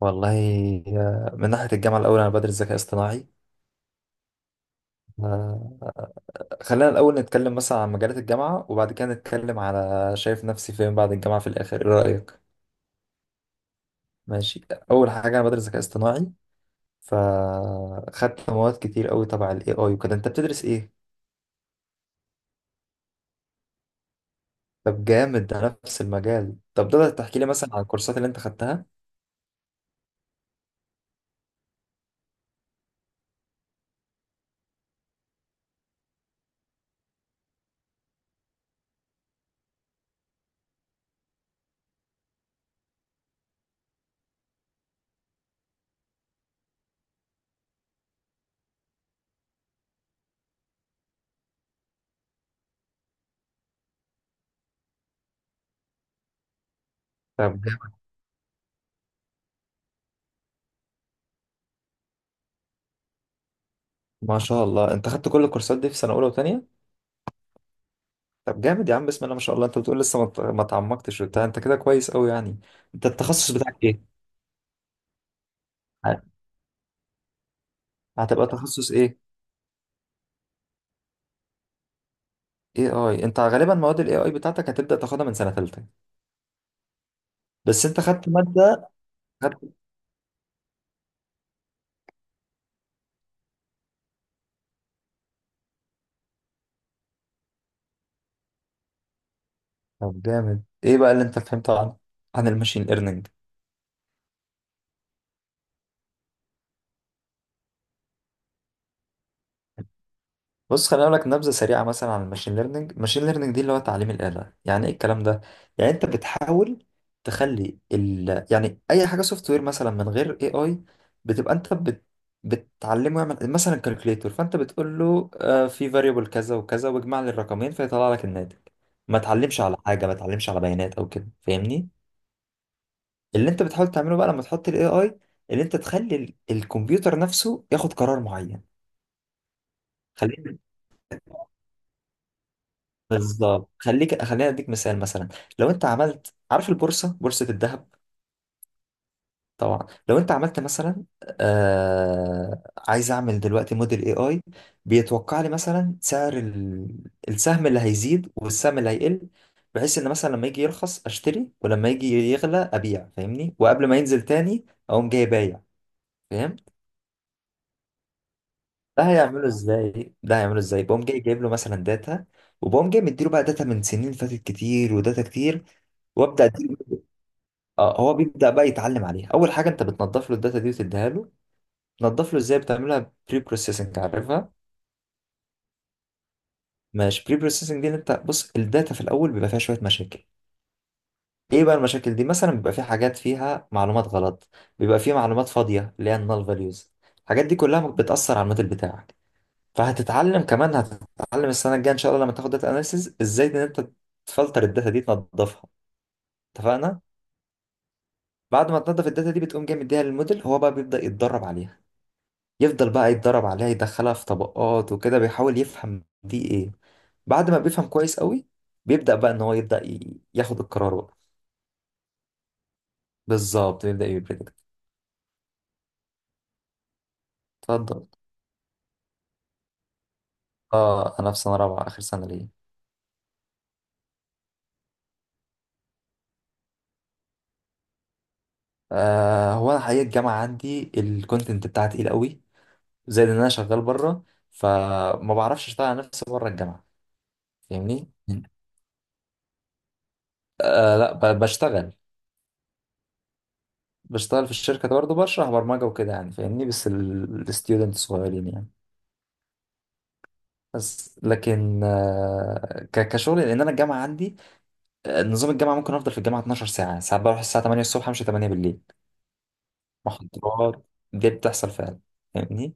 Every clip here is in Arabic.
والله. من ناحية الجامعة الأول أنا بدرس ذكاء اصطناعي. آه، خلينا الأول نتكلم مثلا عن مجالات الجامعة وبعد كده نتكلم على شايف نفسي فين بعد الجامعة في الآخر إيه رأيك؟ ماشي. أول حاجة أنا بدرس ذكاء اصطناعي فخدت مواد كتير قوي تبع ال AI وكده أنت بتدرس إيه؟ طب جامد، ده نفس المجال. طب تقدر تحكي لي مثلا عن الكورسات اللي أنت خدتها؟ طب جامد، ما شاء الله أنت خدت كل الكورسات دي في سنة أولى وتانية؟ طب جامد يا عم، بسم الله ما شاء الله. أنت بتقول لسه ما تعمقتش وبتاع، أنت كده كويس قوي يعني. أنت التخصص بتاعك هت- هتبقى تخصص ايه؟ اي اي، انت غالبا مواد الاي اي بتاعتك هتبدأ تاخدها من سنة تالتة. بس انت خدت مادة، خدت طب جامد. ايه بقى اللي انت فهمته عن عن الماشين ليرنينج؟ بص خليني اقول لك نبذه سريعه مثلا عن الماشين ليرنينج. الماشين ليرنينج دي اللي هو تعليم الاله. يعني ايه الكلام ده؟ يعني انت بتحاول تخلي ال، يعني اي حاجه سوفت وير مثلا من غير اي اي بتبقى انت بت، بتعلمه يعمل مثلا كالكوليتور، فانت بتقول له في فاريبل كذا وكذا واجمع لي الرقمين فيطلع لك الناتج، ما تعلمش على حاجه، ما تعلمش على بيانات او كده، فاهمني؟ اللي انت بتحاول تعمله بقى لما تحط الاي اي، اللي انت تخلي ال، الكمبيوتر نفسه ياخد قرار معين. بالظبط، خليك خليني اديك مثال. مثلا لو انت عملت، عارف البورصه، بورصه الذهب؟ طبعا. لو انت عملت مثلا، عايز اعمل دلوقتي موديل اي اي بيتوقع لي مثلا سعر ال، السهم اللي هيزيد والسهم اللي هيقل، بحيث ان مثلا لما يجي يرخص اشتري ولما يجي يغلى ابيع، فاهمني؟ وقبل ما ينزل تاني اقوم جاي بايع، فاهم؟ ده هيعمله ازاي؟ ده هيعمله ازاي؟ بقوم جاي جايب له مثلا داتا، وبقوم جاي مديله بقى داتا من سنين فاتت كتير، وداتا كتير، وابدا اديله. اه هو بيبدأ بقى يتعلم عليها. أول حاجة أنت بتنضف له الداتا دي وتديها له. تنضف له إزاي؟ بتعملها بري بروسيسنج، عارفها؟ مش بري بروسيسنج دي إن أنت، بص الداتا في الأول بيبقى فيها شوية مشاكل. إيه بقى المشاكل دي؟ مثلا بيبقى في حاجات فيها معلومات غلط، بيبقى في معلومات فاضية اللي هي النال فاليوز. الحاجات دي كلها بتأثر على الموديل بتاعك. فهتتعلم كمان، هتتعلم السنة الجاية إن شاء الله لما تاخد داتا أناليسيز إزاي إن أنت تفلتر الداتا دي، تنضفها. اتفقنا؟ بعد ما تنضف الداتا دي بتقوم جاي مديها للموديل، هو بقى بيبدأ يتدرب عليها، يفضل بقى يتدرب عليها، يدخلها في طبقات وكده، بيحاول يفهم دي ايه. بعد ما بيفهم كويس قوي بيبدأ بقى ان هو يبدأ ياخد القرار بقى. بالظبط، بيبدأ يبريدكت. اتفضل. اه انا في سنة رابعة، اخر سنة ليا. آه هو انا حقيقة الجامعة عندي الكونتنت بتاعها تقيل قوي، زائد ان انا شغال بره، فما بعرفش اشتغل على نفسي بره الجامعة، فاهمني؟ آه لا، بشتغل. بشتغل في الشركة برضه، بشرح برمجة وكده يعني، فاهمني؟ بس الستودنت صغيرين يعني. بس لكن كشغل. لان انا الجامعه عندي، نظام الجامعه، ممكن افضل في الجامعه 12 ساعه. ساعات بروح الساعه 8 الصبح مش 8 بالليل، محاضرات. دي بتحصل فعلا، فاهمني؟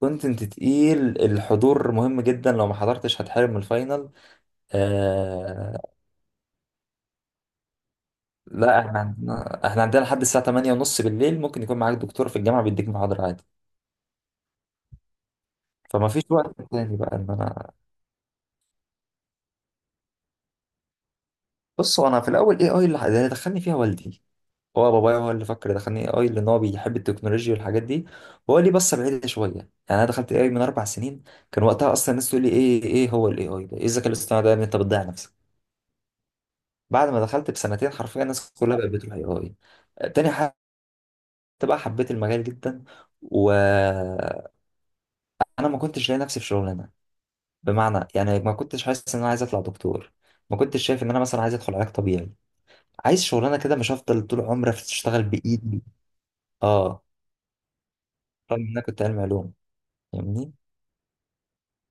كونتنت تقيل، الحضور مهم جدا، لو ما حضرتش هتحرم من الفاينل. آه لا، احنا عندنا، احنا عندنا لحد الساعه 8 ونص بالليل، ممكن يكون معاك دكتور في الجامعه بيديك محاضره عادي. فما فيش وقت تاني بقى ان انا. بصوا انا في الاول، ايه اي اللي اللي دخلني فيها والدي. هو بابايا هو اللي فكر دخلني اي اي، لان هو بيحب التكنولوجيا والحاجات دي، وهو لي بصه بعيده شويه يعني. انا دخلت اي اي من اربع سنين، كان وقتها اصلا الناس تقول لي ايه، ايه إيه هو الاي اي ده؟ ايه الذكاء الاصطناعي ده يا ابني؟ انت بتضيع نفسك. بعد ما دخلت بسنتين حرفيا الناس كلها بقت بتروح اي اي. تاني حاجه، بقى حبيت المجال جدا. وانا ما كنتش لاقي نفسي في شغلانه، بمعنى يعني ما كنتش حاسس ان انا عايز اطلع دكتور، ما كنتش شايف ان انا مثلا عايز ادخل علاج طبيعي، عايز شغلانه كده، مش هفضل طول عمري اشتغل بايدي. اه. رغم ان انا كنت علمي علوم، فاهمني؟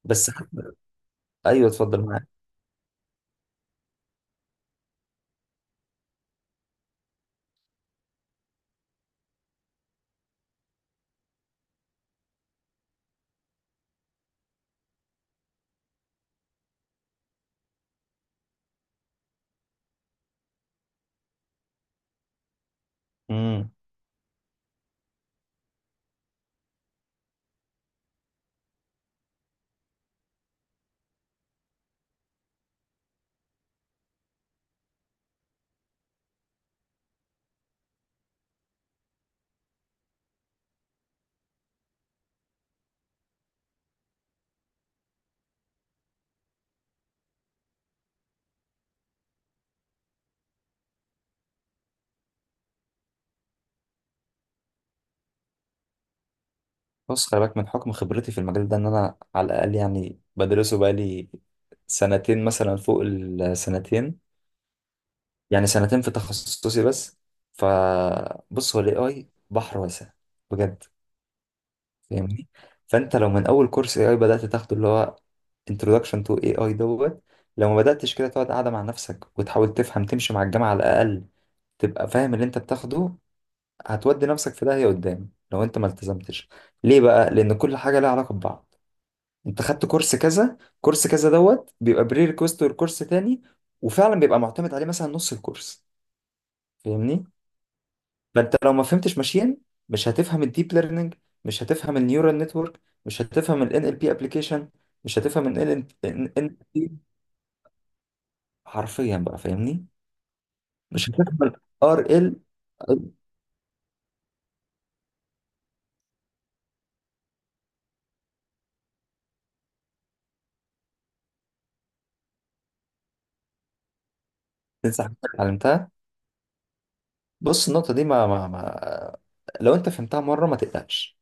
بس ايوه اتفضل معاك. امم بص، خلي بالك من حكم خبرتي في المجال ده، ان انا على الاقل يعني بدرسه بقالي سنتين، مثلا فوق السنتين، يعني سنتين في تخصصي بس. فبص، هو الاي اي بحر واسع، بجد، فاهمني؟ فانت لو من اول كورس اي اي بدات تاخده، اللي هو introduction to AI دوت، لو ما بداتش كده تقعد قاعده مع نفسك وتحاول تفهم، تمشي مع الجامعه على الاقل، تبقى فاهم اللي انت بتاخده. هتودي نفسك في داهية قدام لو انت ما التزمتش. ليه بقى؟ لان كل حاجة لها علاقة ببعض. انت خدت كورس كذا، كورس كذا دوت بيبقى بري ريكوست لكورس تاني، وفعلا بيبقى معتمد عليه مثلا نص الكورس، فاهمني؟ فانت لو ما فهمتش ماشين مش هتفهم الديب ليرنينج، مش هتفهم النيورال نتورك، مش هتفهم ال NLP ابلكيشن، مش هتفهم ال ان NLP، حرفيا بقى، فاهمني؟ مش هتفهم ال RL. تنسى حاجات اتعلمتها. بص النقطة دي ما لو انت فهمتها مرة ما تقلقش.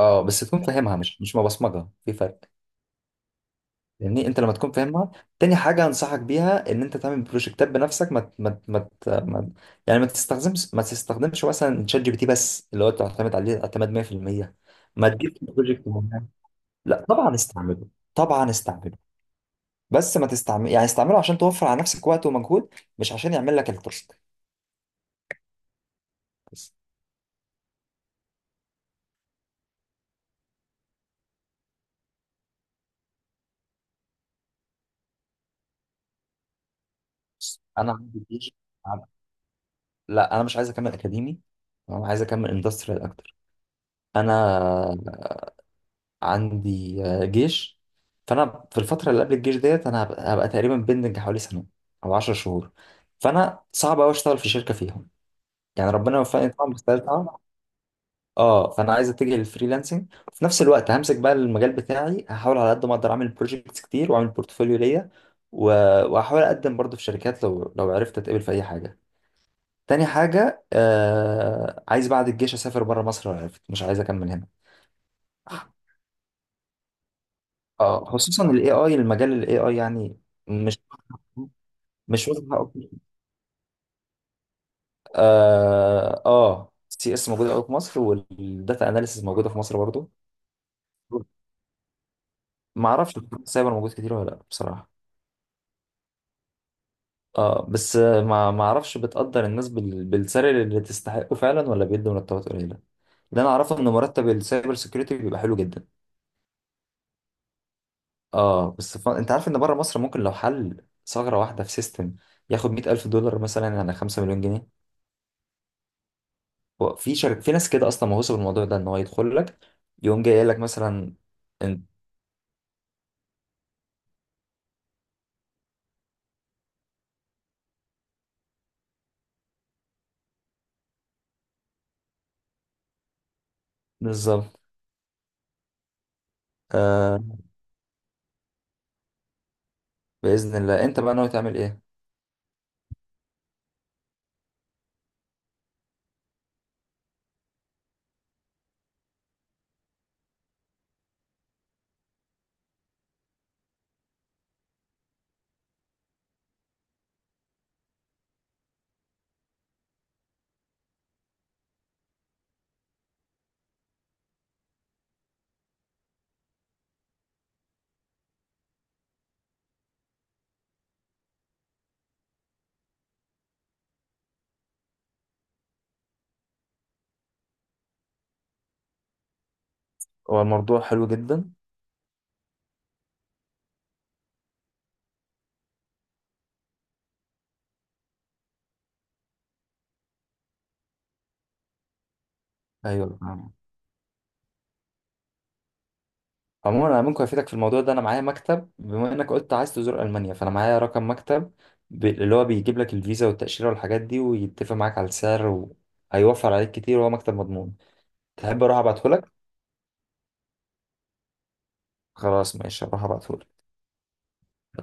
اه بس تكون فاهمها، مش مبصمجه، في فرق. يعني انت لما تكون فاهمها. تاني حاجه انصحك بيها ان انت تعمل بروجكتات بنفسك، ما ت- ما ت- ما ت- ما ت- يعني ما تستخدمش مثلا شات جي بي تي بس، اللي هو تعتمد عليه اعتماد 100%. ما تجيب بروجكت معين. لا طبعا استعمله، طبعا استعمله، بس ما تستعمل، يعني استعمله عشان توفر على نفسك وقت ومجهود، مش عشان يعمل لك التاسك. بس. بس انا عندي بيج. لا انا مش عايز اكمل اكاديمي، انا عايز اكمل اندستريال اكتر. انا عندي جيش، فانا في الفتره اللي قبل الجيش ديت انا هبقى تقريبا بندنج حوالي سنه او 10 شهور، فانا صعب قوي اشتغل في شركه فيهم. يعني ربنا وفقني طبعا بس تعب. اه فانا عايز اتجه للفريلانسنج، وفي نفس الوقت همسك بقى المجال بتاعي، هحاول على قد ما اقدر اعمل بروجكتس كتير واعمل بورتفوليو ليا، و- وهحاول اقدم برضه في شركات، لو عرفت اتقبل في اي حاجه. تاني حاجه، آه عايز بعد الجيش اسافر بره مصر لو عرفت، مش عايز اكمل هنا. اه خصوصا الاي اي، المجال الاي اي يعني مش مش واخد حقه. اه اه، سي اس موجوده قوي في مصر، والداتا اناليسيس موجوده في مصر برضو. ما اعرفش السايبر موجود كتير ولا لا بصراحه. اه بس ما اعرفش بتقدر الناس بال، بالسعر اللي تستحقه فعلا ولا بيدوا مرتبات قليله. اللي انا اعرفه ان مرتب السايبر سيكيورتي بيبقى حلو جدا. اه بس ف، انت عارف ان بره مصر ممكن لو حل ثغره واحده في سيستم ياخد 100000 دولار مثلا يعني 5 مليون جنيه. هو في شرك، في ناس كده اصلا مهووسه بالموضوع ده ان هو يدخل لك، يقوم جاي قايل لك مثلا انت. بالظبط. آه، باذن الله. انت بقى ناوي تعمل ايه؟ هو الموضوع حلو جدا. ايوه فاهم. عموما انا ممكن افيدك في الموضوع ده، انا معايا مكتب، بما انك قلت عايز تزور المانيا فانا معايا رقم مكتب اللي هو بيجيب لك الفيزا والتاشيره والحاجات دي ويتفق معاك على السعر، وهيوفر عليك كتير، وهو مكتب مضمون. تحب اروح ابعته لك؟ خلاص ماشي، اروح ابعته لك.